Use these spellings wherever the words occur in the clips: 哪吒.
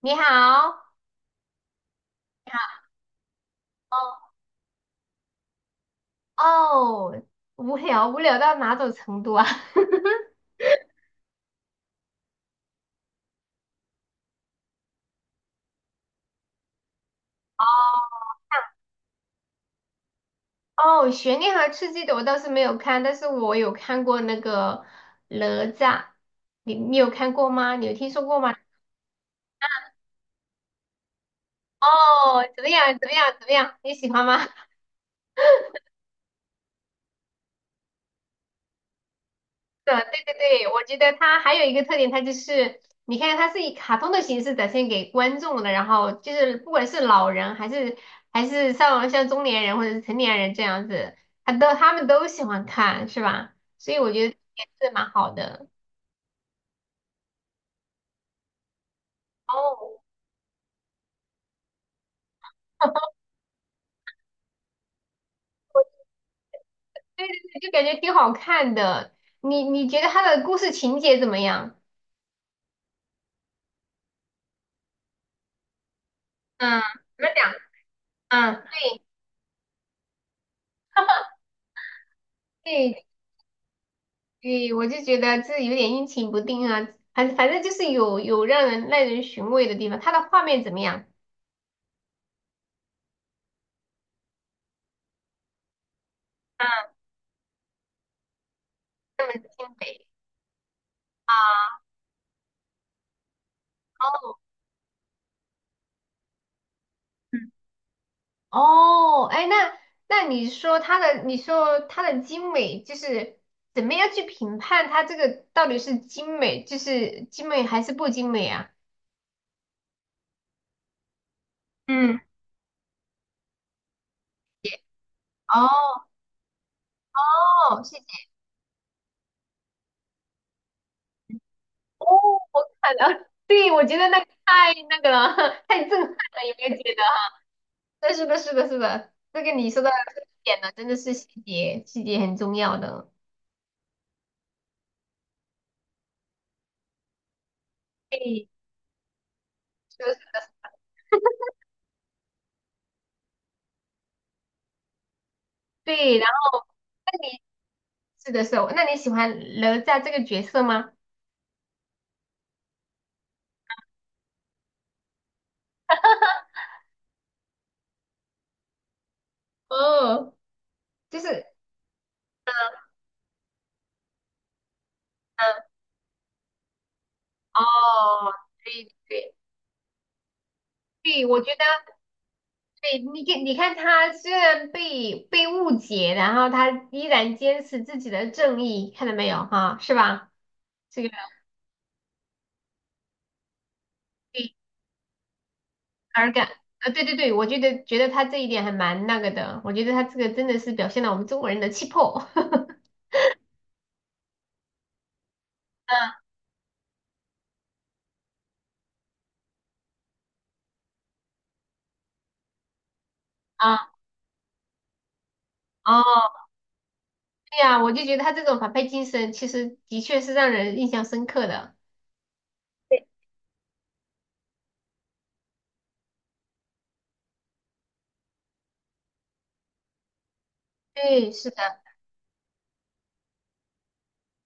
你好。哦，无聊？无聊到哪种程度啊？哦，悬念和刺激的我倒是没有看，但是我有看过那个哪吒，你有看过吗？你有听说过吗？哦，怎么样？怎么样？怎么样？你喜欢吗？的，对对对，我觉得它还有一个特点，它就是你看它是以卡通的形式展现给观众的，然后就是不管是老人还是还是像中年人或者是成年人这样子，他们都喜欢看，是吧？所以我觉得也是蛮好的。哦，对对对，就感觉挺好看的。你觉得它的故事情节怎么样？嗯，怎么讲？嗯，对对对，我就觉得这有点阴晴不定啊，反正就是有让人耐人寻味的地方。它的画面怎么样？那么精美啊！哦，嗯，哦，哎，那你说它的，你说它的精美，就是怎么样去评判它这个到底是精美，就是精美还是不精美啊？嗯，哦哦，谢谢。哦，我看了，对，我觉得那个太那个了，太震撼了，有没有觉得？对，是的，是的，是的，这个你说的这个点了，真的是细节，细节很重要的。对，是的，是的，对。然后那你是的时候，那你喜欢哪吒这个角色吗？哦，就是，嗯，哦，对对对，我觉得，对，你看，你看他虽然被误解，然后他依然坚持自己的正义，看到没有哈，是吧？这个。而感啊，对对对，我觉得他这一点还蛮那个的，我觉得他这个真的是表现了我们中国人的气魄。啊，哦，对呀，我就觉得他这种反派精神，其实的确是让人印象深刻的。对，对，是的，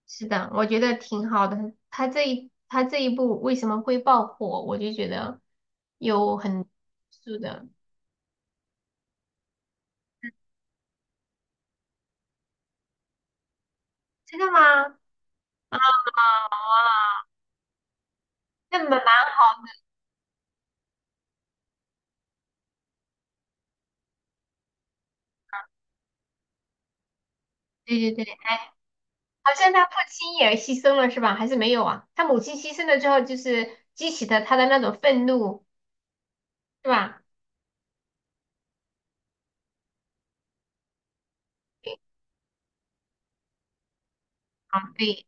是的，我觉得挺好的。他这一部为什么会爆火，我就觉得有很是的，真的吗？啊，那蛮好的。对对对。好像他父亲也牺牲了是吧？还是没有啊？他母亲牺牲了之后，就是激起的他的那种愤怒，是吧？啊，对，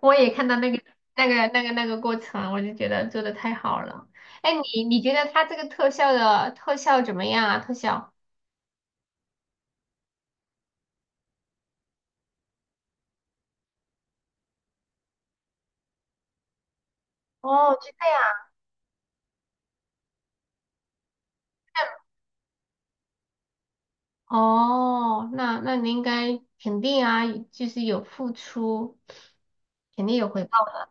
我也看到那个过程，我就觉得做的太好了。哎，你你觉得他这个特效的特效怎么样啊？特效？哦，就这样。哦，那你应该肯定啊，就是有付出，肯定有回报的。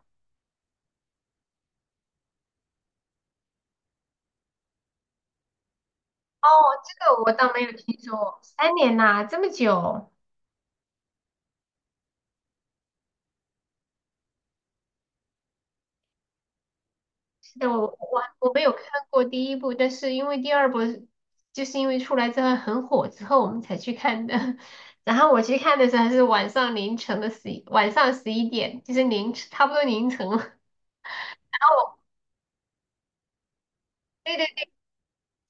哦，这个我倒没有听说，3年呐，这么久。是的，我没有看过第一部，但是因为第二部就是因为出来之后很火之后我们才去看的。然后我去看的时候还是晚上凌晨的11，晚上11点，就是凌晨差不多凌晨了。然后我对对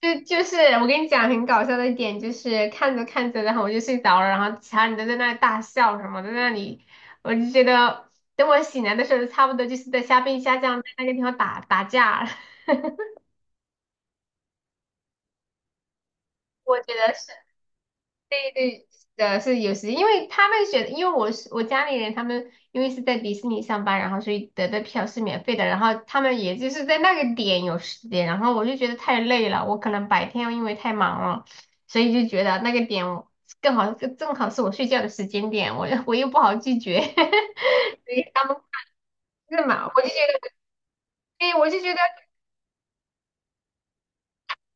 对，就就是我跟你讲很搞笑的一点，就是看着看着，然后我就睡着了，然后其他人都在那里大笑什么的，在那里，我就觉得等我醒来的时候，差不多就是在虾兵虾将在那个地方打打架了 我觉得是。对对，的，是有时，因为他们选，因为我是我家里人，他们因为是在迪士尼上班，然后所以得的票是免费的，然后他们也就是在那个点有时间，然后我就觉得太累了，我可能白天因为太忙了，所以就觉得那个点我更好，正好是我睡觉的时间点，我又不好拒绝，所以他们是嘛，我就觉得，哎，我就觉得。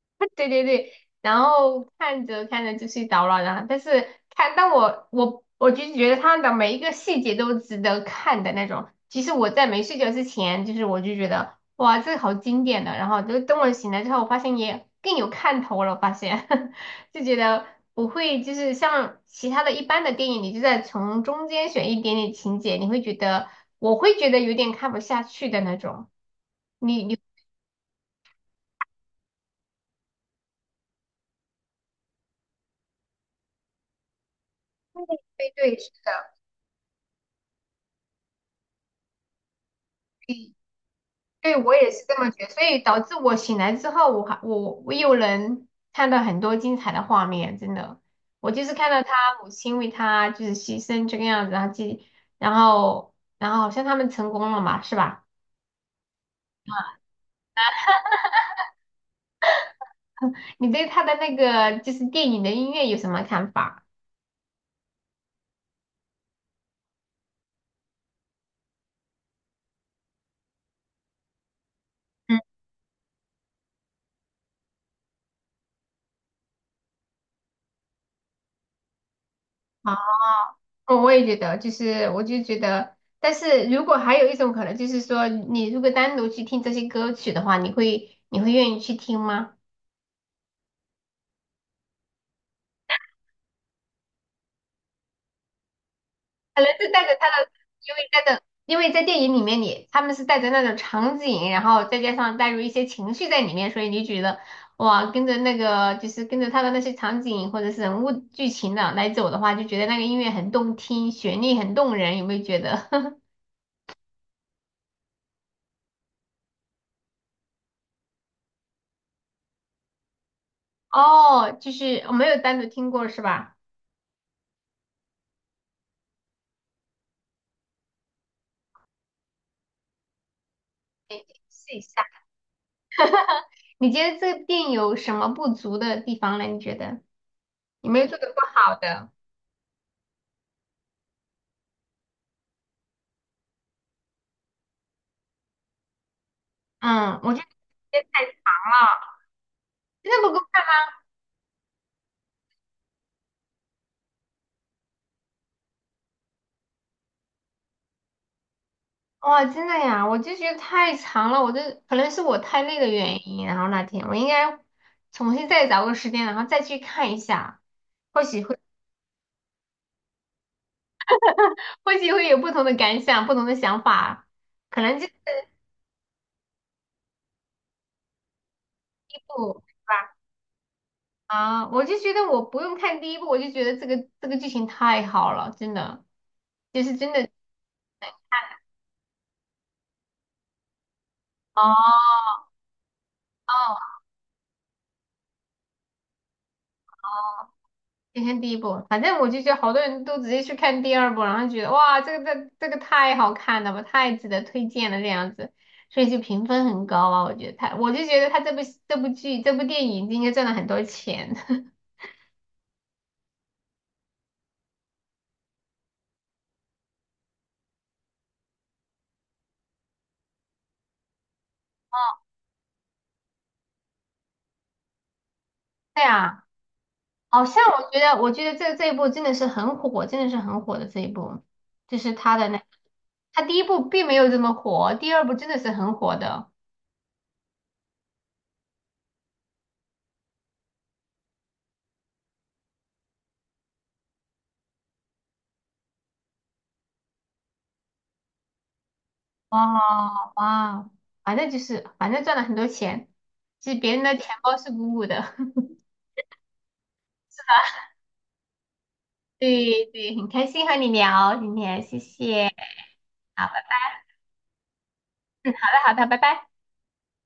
对对对，然后看着看着就睡着了，但是，但我就是觉得他的每一个细节都值得看的那种。其实我在没睡觉之前，就是我就觉得哇，这个好经典的，然后就等我醒来之后，我发现也更有看头了，我发现 就觉得不会就是像其他的一般的电影，你就在从中间选一点点情节，你会觉得我会觉得有点看不下去的那种，你你会对。对，我也是这么觉得，所以导致我醒来之后，我还我我又能看到很多精彩的画面，真的。我就是看到他母亲为他就是牺牲这个样子，然后继然后然后好像他们成功了嘛，是吧？你对他的那个就是电影的音乐有什么看法？嗯，好，我也觉得，就是我就觉得，但是如果还有一种可能，就是说你如果单独去听这些歌曲的话，你会愿意去听吗？可能是带着他的，因为带着，因为在电影里面你他们是带着那种场景，然后再加上带入一些情绪在里面，所以你觉得哇，跟着那个就是跟着他的那些场景或者是人物剧情的来走的话，就觉得那个音乐很动听，旋律很动人，有没有觉得？哦，就是我没有单独听过是吧？哎，试一下，你觉得这个电影有什么不足的地方呢？你觉得有没有做的不好的？嗯，我觉得时间太长了，真的不够。哇，真的呀，我就觉得太长了，我就可能是我太累的原因，然后那天我应该重新再找个时间，然后再去看一下，或许会或许会有不同的感想，不同的想法，可能就是这部是吧？啊，我就觉得我不用看第一部，我就觉得这个剧情太好了，真的，就是真的，哦哦哦。先看第一部，反正我就觉得好多人都直接去看第二部，然后觉得哇，这个太好看了吧，太值得推荐了这样子，所以就评分很高啊。我觉得他，我就觉得他这部电影应该赚了很多钱。对啊，好像我觉得这一部真的是很火，真的是很火的这一部，就是他的那他第一部并没有这么火，第二部真的是很火的。哇，哇，反正就是反正赚了很多钱，其实别人的钱包是鼓鼓的。对对，很开心和你聊今天，谢谢。好，嗯，好的好的，拜拜。